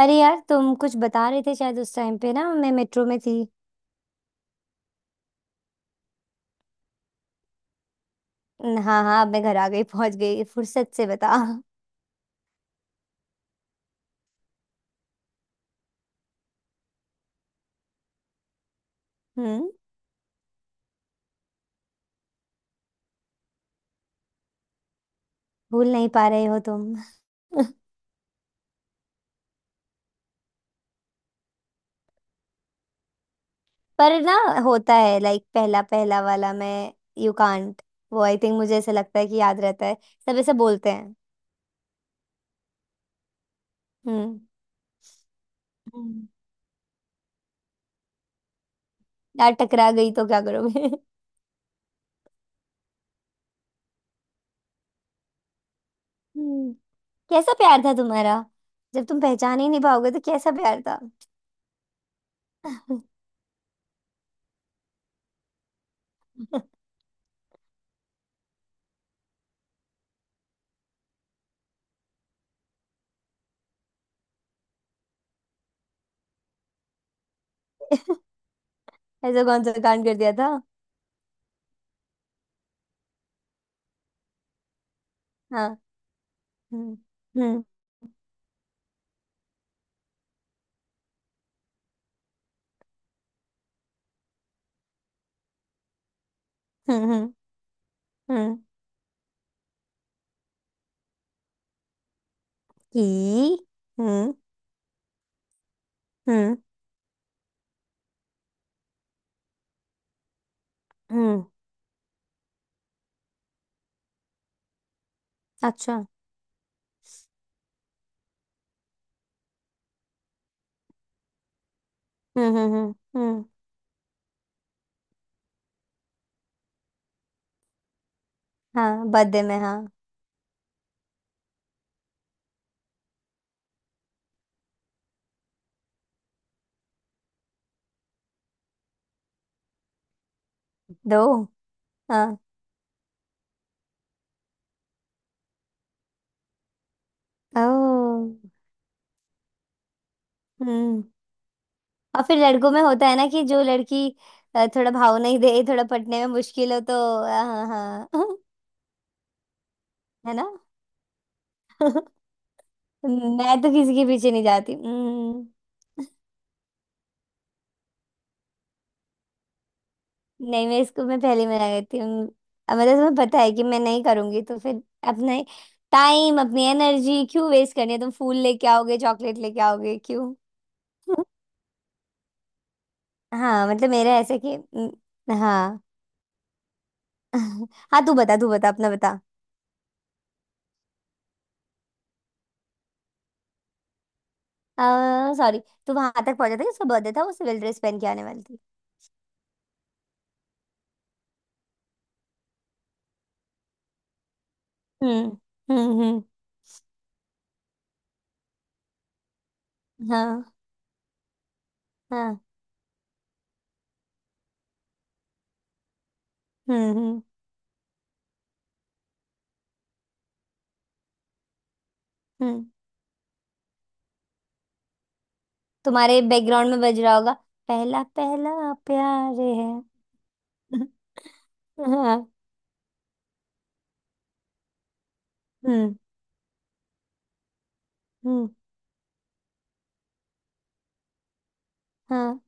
अरे यार, तुम कुछ बता रहे थे शायद, उस टाइम पे ना मैं मेट्रो में थी। हाँ हाँ, अब मैं घर आ गई, पहुंच गई, फुर्सत से बता। हम्म। भूल नहीं पा रहे हो तुम। पर ना, होता है लाइक पहला पहला वाला, मैं यू कांट, वो आई थिंक, मुझे ऐसा लगता है कि याद रहता है। सब ऐसे बोलते हैं। हम्म। हम्म। यार टकरा गई तो क्या करोगे? हम्म। कैसा प्यार था तुम्हारा? जब तुम पहचान ही नहीं पाओगे तो कैसा प्यार था? ऐसा कौन सा कांड कर दिया था? हाँ। हम्म। हम्म। हम्म। हम्म। हम्म। कि हम्म। हम्म। हम्म। अच्छा। हम्म। हम्म। हम्म। हाँ बर्थडे में, हाँ। दो। हाँ। ओ। हम्म। और फिर लड़कों में होता है ना, कि जो लड़की थोड़ा भाव नहीं दे, थोड़ा पटने में मुश्किल हो तो, हाँ हाँ। है ना? मैं तो किसी के पीछे नहीं जाती। हम्म। नहीं, मैं इसको, मैं पहले में आ गई थी। अब मतलब तुम्हें पता है कि मैं नहीं करूंगी, तो फिर अपना टाइम, अपनी एनर्जी क्यों वेस्ट करनी है? तुम फूल लेके आओगे, चॉकलेट लेके आओगे, क्यों? हाँ मतलब मेरा ऐसे कि हाँ। हाँ, तू बता, तू बता, अपना बता। आ, सॉरी। तू वहां तक पहुंचा था कि उसका बर्थडे था, वो सिविल ड्रेस पहन के आने वाली थी। हम्म। हम्म। हम्म। हाँ हाँ। हम्म। हम्म। हम्म। तुम्हारे बैकग्राउंड में बज रहा होगा, पहला पहला प्यार है। हाँ। हम्म। हम्म। हाँ।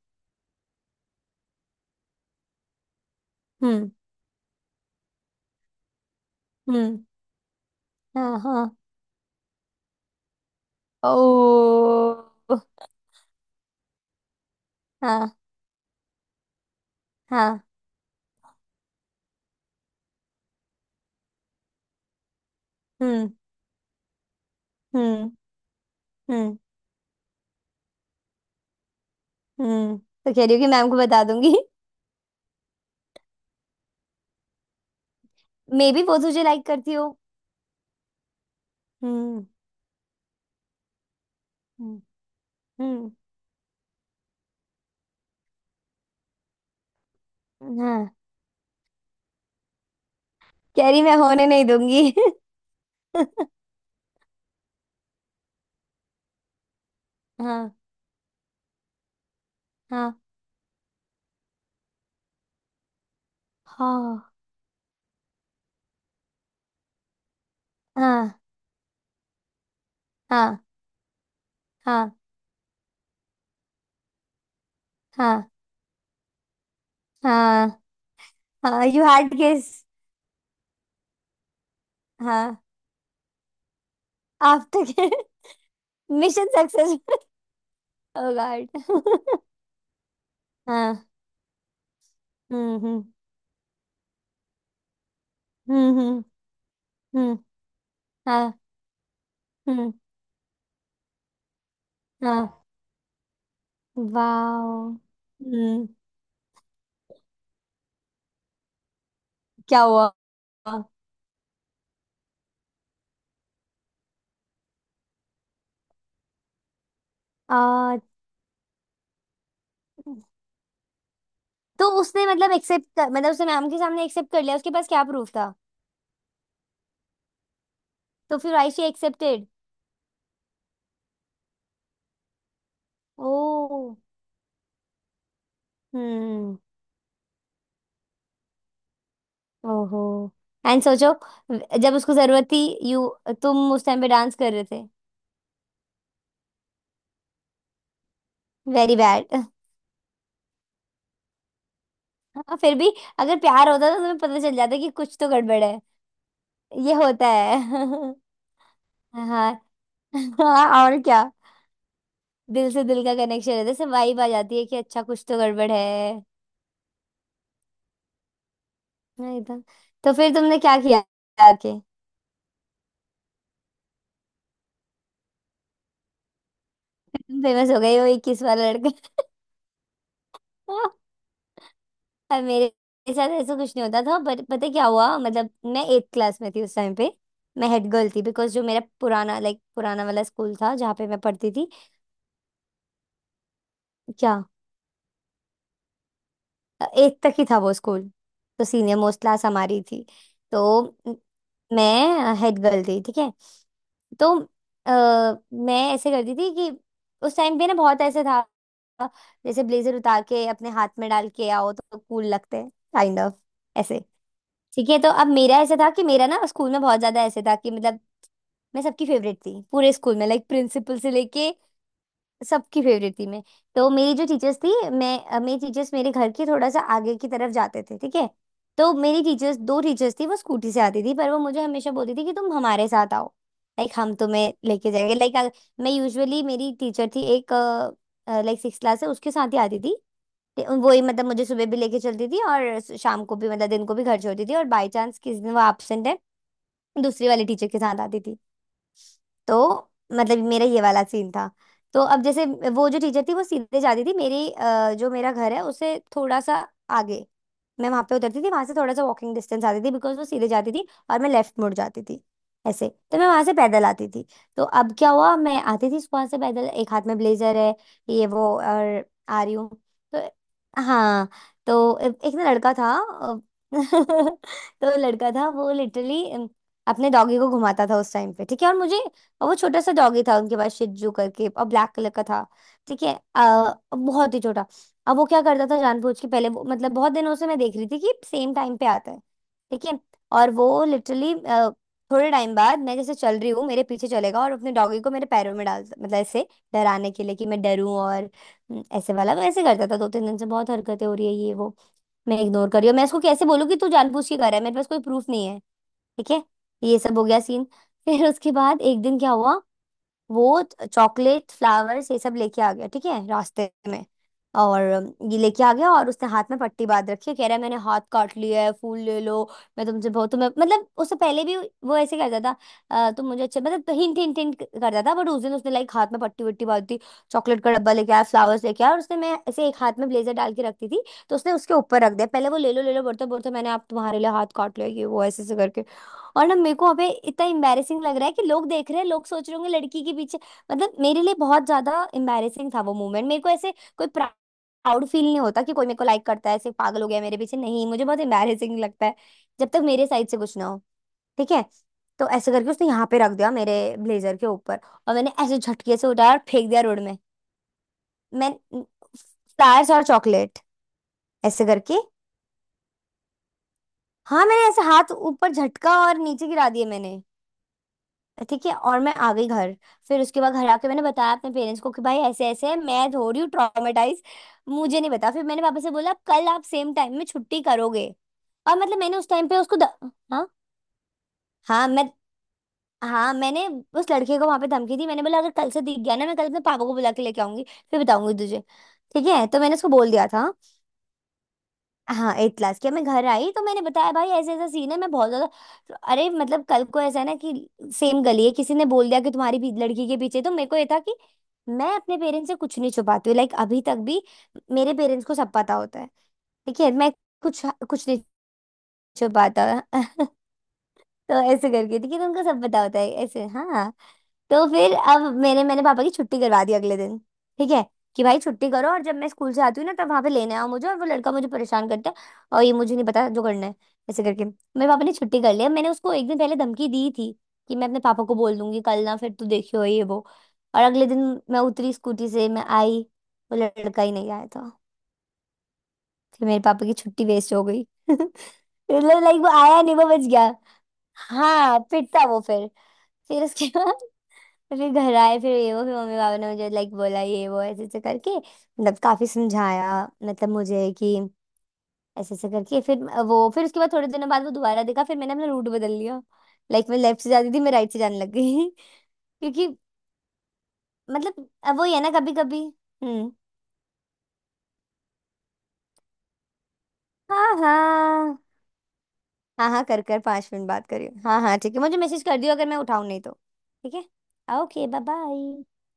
हम्म। हम्म। हाँ हाँ। ओ। हाँ हाँ। हम्म। हम्म। हम्म। तो, कह रही हूँ कि मैम को बता दूंगी। मे बी वो तुझे लाइक करती हो। हम्म। हम्म। हम्म, हाँ। कह रही मैं होने नहीं दूंगी। हाँ हाँ हाँ हाँ हाँ हाँ। हाँ हाँ हाँ, यू हार्ड किस। हाँ, after. Mission success. Oh God. हाँ। हम्म। हम्म। हम्म। हम्म। हम्म, हाँ। हम्म, हाँ। वाओ। हम्म। क्या हुआ? आ। तो उसने मतलब एक्सेप्ट कर, मतलब उसने मैम के सामने एक्सेप्ट कर लिया, उसके पास क्या प्रूफ था? तो फिर आई शी एक्सेप्टेड? ओ। हम्म। ओहो। एंड सोचो, जब उसको जरूरत थी, यू, तुम उस टाइम पे डांस कर रहे थे। Very bad. हाँ, फिर भी। अगर प्यार होता तो तुम्हें पता चल जाता कि कुछ तो गड़बड़ है। ये होता है। हाँ। हाँ, और क्या। दिल से दिल का कनेक्शन रहता है, से वाइब आ जाती है कि अच्छा, कुछ तो गड़बड़ है। नहीं तो, तो फिर तुमने क्या किया आके? फेमस हो गई, वो 21 वाला लड़का। और मेरे साथ ऐसा कुछ नहीं होता था, बट पता है क्या हुआ, मतलब मैं एट्थ क्लास में थी उस टाइम पे। मैं हेड गर्ल थी बिकॉज जो मेरा पुराना, लाइक पुराना वाला स्कूल था जहाँ पे मैं पढ़ती थी। क्या? एट्थ तक ही था वो स्कूल, तो सीनियर मोस्ट क्लास हमारी थी। तो मैं हेड गर्ल थी, ठीक है। तो अ, मैं ऐसे करती थी कि उस टाइम पे ना बहुत ऐसे था, जैसे ब्लेजर उतार के अपने हाथ में डाल के आओ तो कूल लगते हैं, काइंड ऑफ ऐसे। ठीक है। तो अब मेरा ऐसा था कि मेरा ना स्कूल में बहुत ज्यादा ऐसे था कि मतलब मैं सबकी फेवरेट थी पूरे स्कूल में, लाइक प्रिंसिपल से लेके सबकी फेवरेट थी मैं। तो मेरी जो टीचर्स थी, मेरी टीचर्स मेरे घर के थोड़ा सा आगे की तरफ जाते थे, ठीक है। तो मेरी टीचर्स, दो टीचर्स थी, वो स्कूटी से आती थी, पर वो मुझे हमेशा बोलती थी कि तुम हमारे साथ आओ, लाइक हम तुम्हें लेके जाएंगे। लाइक मैं यूजुअली, मेरी टीचर थी एक, लाइक सिक्स क्लास है, उसके साथ ही आती थी। वही मतलब मुझे सुबह भी लेके चलती थी और शाम को भी, मतलब दिन को भी घर छोड़ती थी, और बाय चांस किसी दिन वो एब्सेंट है, दूसरी वाली टीचर के साथ आती थी। तो मतलब मेरा ये वाला सीन था। तो अब जैसे, वो जो टीचर थी, वो सीधे जाती थी मेरी, जो मेरा घर है उससे थोड़ा सा आगे, मैं वहां पे उतरती थी, वहां से थोड़ा सा वॉकिंग डिस्टेंस आती थी बिकॉज वो सीधे जाती थी और मैं लेफ्ट मुड़ जाती थी ऐसे, तो मैं वहां से पैदल आती थी। तो अब क्या हुआ, मैं आती थी वहां से पैदल, एक हाथ में ब्लेजर है, ये वो, और आ रही हूँ। तो हाँ, तो एक ना लड़का था, तो लड़का था, वो लिटरली अपने डॉगी को घुमाता था उस टाइम पे, ठीक है। और मुझे, और वो छोटा सा डॉगी था उनके पास, शिजू करके, और ब्लैक कलर का था, ठीक है। बहुत ही छोटा। अब वो क्या करता था जानबूझ के, पहले वो, मतलब बहुत दिनों से मैं देख रही थी कि सेम टाइम पे आता है, ठीक है। और वो लिटरली थोड़े टाइम बाद, मैं जैसे चल रही हूँ मेरे पीछे चलेगा और अपने डॉगी को मेरे पैरों में डाल, मतलब ऐसे डराने के लिए कि मैं डरूं, और ऐसे वाला मैं ऐसे करता था, दो तीन दिन से बहुत हरकतें हो रही है ये वो। मैं इग्नोर कर रही हूँ, मैं इसको कैसे बोलूँ कि तू जानबूझ के कर रहा है, मेरे पास कोई प्रूफ नहीं है, ठीक है। ये सब हो गया सीन। फिर उसके बाद एक दिन क्या हुआ, वो चॉकलेट, फ्लावर्स, ये सब लेके आ गया, ठीक है, रास्ते में। और ये लेके आ गया, और उसने हाथ में पट्टी बांध रखी है, कह रहा है मैंने हाथ काट लिया है, फूल ले लो, मैं तुमसे बहुत, तुम्हें मतलब, उससे पहले भी वो ऐसे करता था, तुम मुझे अच्छे", मतलब हिंट हिंट हिंट करता था, बट उस दिन उसने लाइक हाथ में पट्टी वट्टी बांध दी, चॉकलेट का डब्बा लेके आया, फ्लावर्स लेके आया, और उसने, मैं ऐसे एक हाथ में ब्लेजर डाल के रखती थी, तो उसने उसके ऊपर रख दिया, पहले वो, ले लो बोलता बोलता, मैंने आप तुम्हारे लिए हाथ काट लिया, ये वो ऐसे ऐसे करके। और ना मेरे को अबे इतना एम्बैरेसिंग लग रहा है कि लोग देख रहे हैं, लोग सोच रहे होंगे लड़की के पीछे, मतलब मेरे लिए बहुत ज्यादा एम्बैरेसिंग था वो मोमेंट। मेरे को ऐसे कोई प्राउड फील नहीं होता कि कोई मेरे को लाइक करता है, ऐसे पागल हो गया मेरे पीछे, नहीं, मुझे बहुत एम्बैरेसिंग लगता है जब तक मेरे साइड से कुछ ना हो, ठीक है। तो ऐसे करके उसने यहाँ पे रख दिया, मेरे ब्लेजर के ऊपर, और मैंने ऐसे झटके से उठाया और फेंक दिया रोड में, मैं फ्लायर्स और चॉकलेट ऐसे करके। हाँ, मैंने ऐसे हाथ ऊपर झटका और नीचे गिरा दिए मैंने, ठीक है। और मैं आ गई घर। फिर उसके बाद घर आके मैंने बताया अपने पेरेंट्स को कि भाई ऐसे ऐसे है, मैं हो रही हूँ ट्रॉमेटाइज, मुझे नहीं पता। फिर मैंने पापा से बोला कल आप सेम टाइम में छुट्टी करोगे, और मतलब मैंने उस टाइम पे उसको द, हाँ हाँ। मैं, हाँ मैंने उस लड़के को वहां पे धमकी दी, मैंने बोला अगर कल से दिख गया ना, मैं कल अपने पापा को बुला के लेके आऊंगी, फिर बताऊंगी तुझे, ठीक है, तो मैंने उसको बोल दिया था। हाँ, एट क्लास की। मैं घर आई तो मैंने बताया भाई ऐसे ऐसा सीन है, मैं बहुत ज्यादा, अरे मतलब कल को ऐसा है ना कि सेम गली है, किसी ने बोल दिया कि तुम्हारी भी लड़की के पीछे, तो मेरे को ये था कि मैं अपने पेरेंट्स से कुछ नहीं छुपाती हूँ, लाइक अभी तक भी मेरे पेरेंट्स को सब पता होता है, ठीक है। मैं कुछ कुछ नहीं छुपाता। तो ऐसे करके, ठीक है, तुमको सब पता होता है ऐसे, हाँ। तो फिर अब मैंने मैंने पापा की छुट्टी करवा दी अगले दिन, ठीक है, कि भाई छुट्टी करो, और जब मैं स्कूल से आती हूँ ना तब वहां पे लेने आओ मुझे, और वो लड़का मुझे परेशान करता है और ये, मुझे नहीं पता जो करना है। ऐसे करके मेरे पापा ने छुट्टी कर लिया। मैंने उसको एक दिन पहले धमकी दी थी कि मैं अपने पापा को बोल दूंगी कल ना, फिर तू देखियो ये वो। और अगले दिन, मैं उतरी स्कूटी से, मैं आई, वो लड़का ही नहीं आया था। फिर मेरे पापा की छुट्टी वेस्ट हो गई। मतलब लाइक वो आया नहीं, वो बच गया। हाँ, पिटता वो फिर। फिर उसके बाद, फिर घर आए, फिर ये वो, फिर मम्मी पापा ने मुझे लाइक बोला ये वो ऐसे ऐसे करके, मतलब काफी समझाया मतलब मुझे कि ऐसे ऐसे करके, फिर वो, फिर उसके बाद थोड़े दिनों बाद वो दोबारा देखा, फिर मैंने अपना रूट बदल लिया, लाइक मैं लेफ्ट से जाती थी, मैं राइट से जाने लग गई। क्योंकि, मतलब अब वो ही है ना, कभी कभी। हम्म। हाँ हाँ। हाँ हाँ, कर कर 5 मिनट बात करियो, हाँ हाँ ठीक है, मुझे मैसेज कर दियो अगर मैं उठाऊँ नहीं तो। ठीक है, ओके, बाय बाय।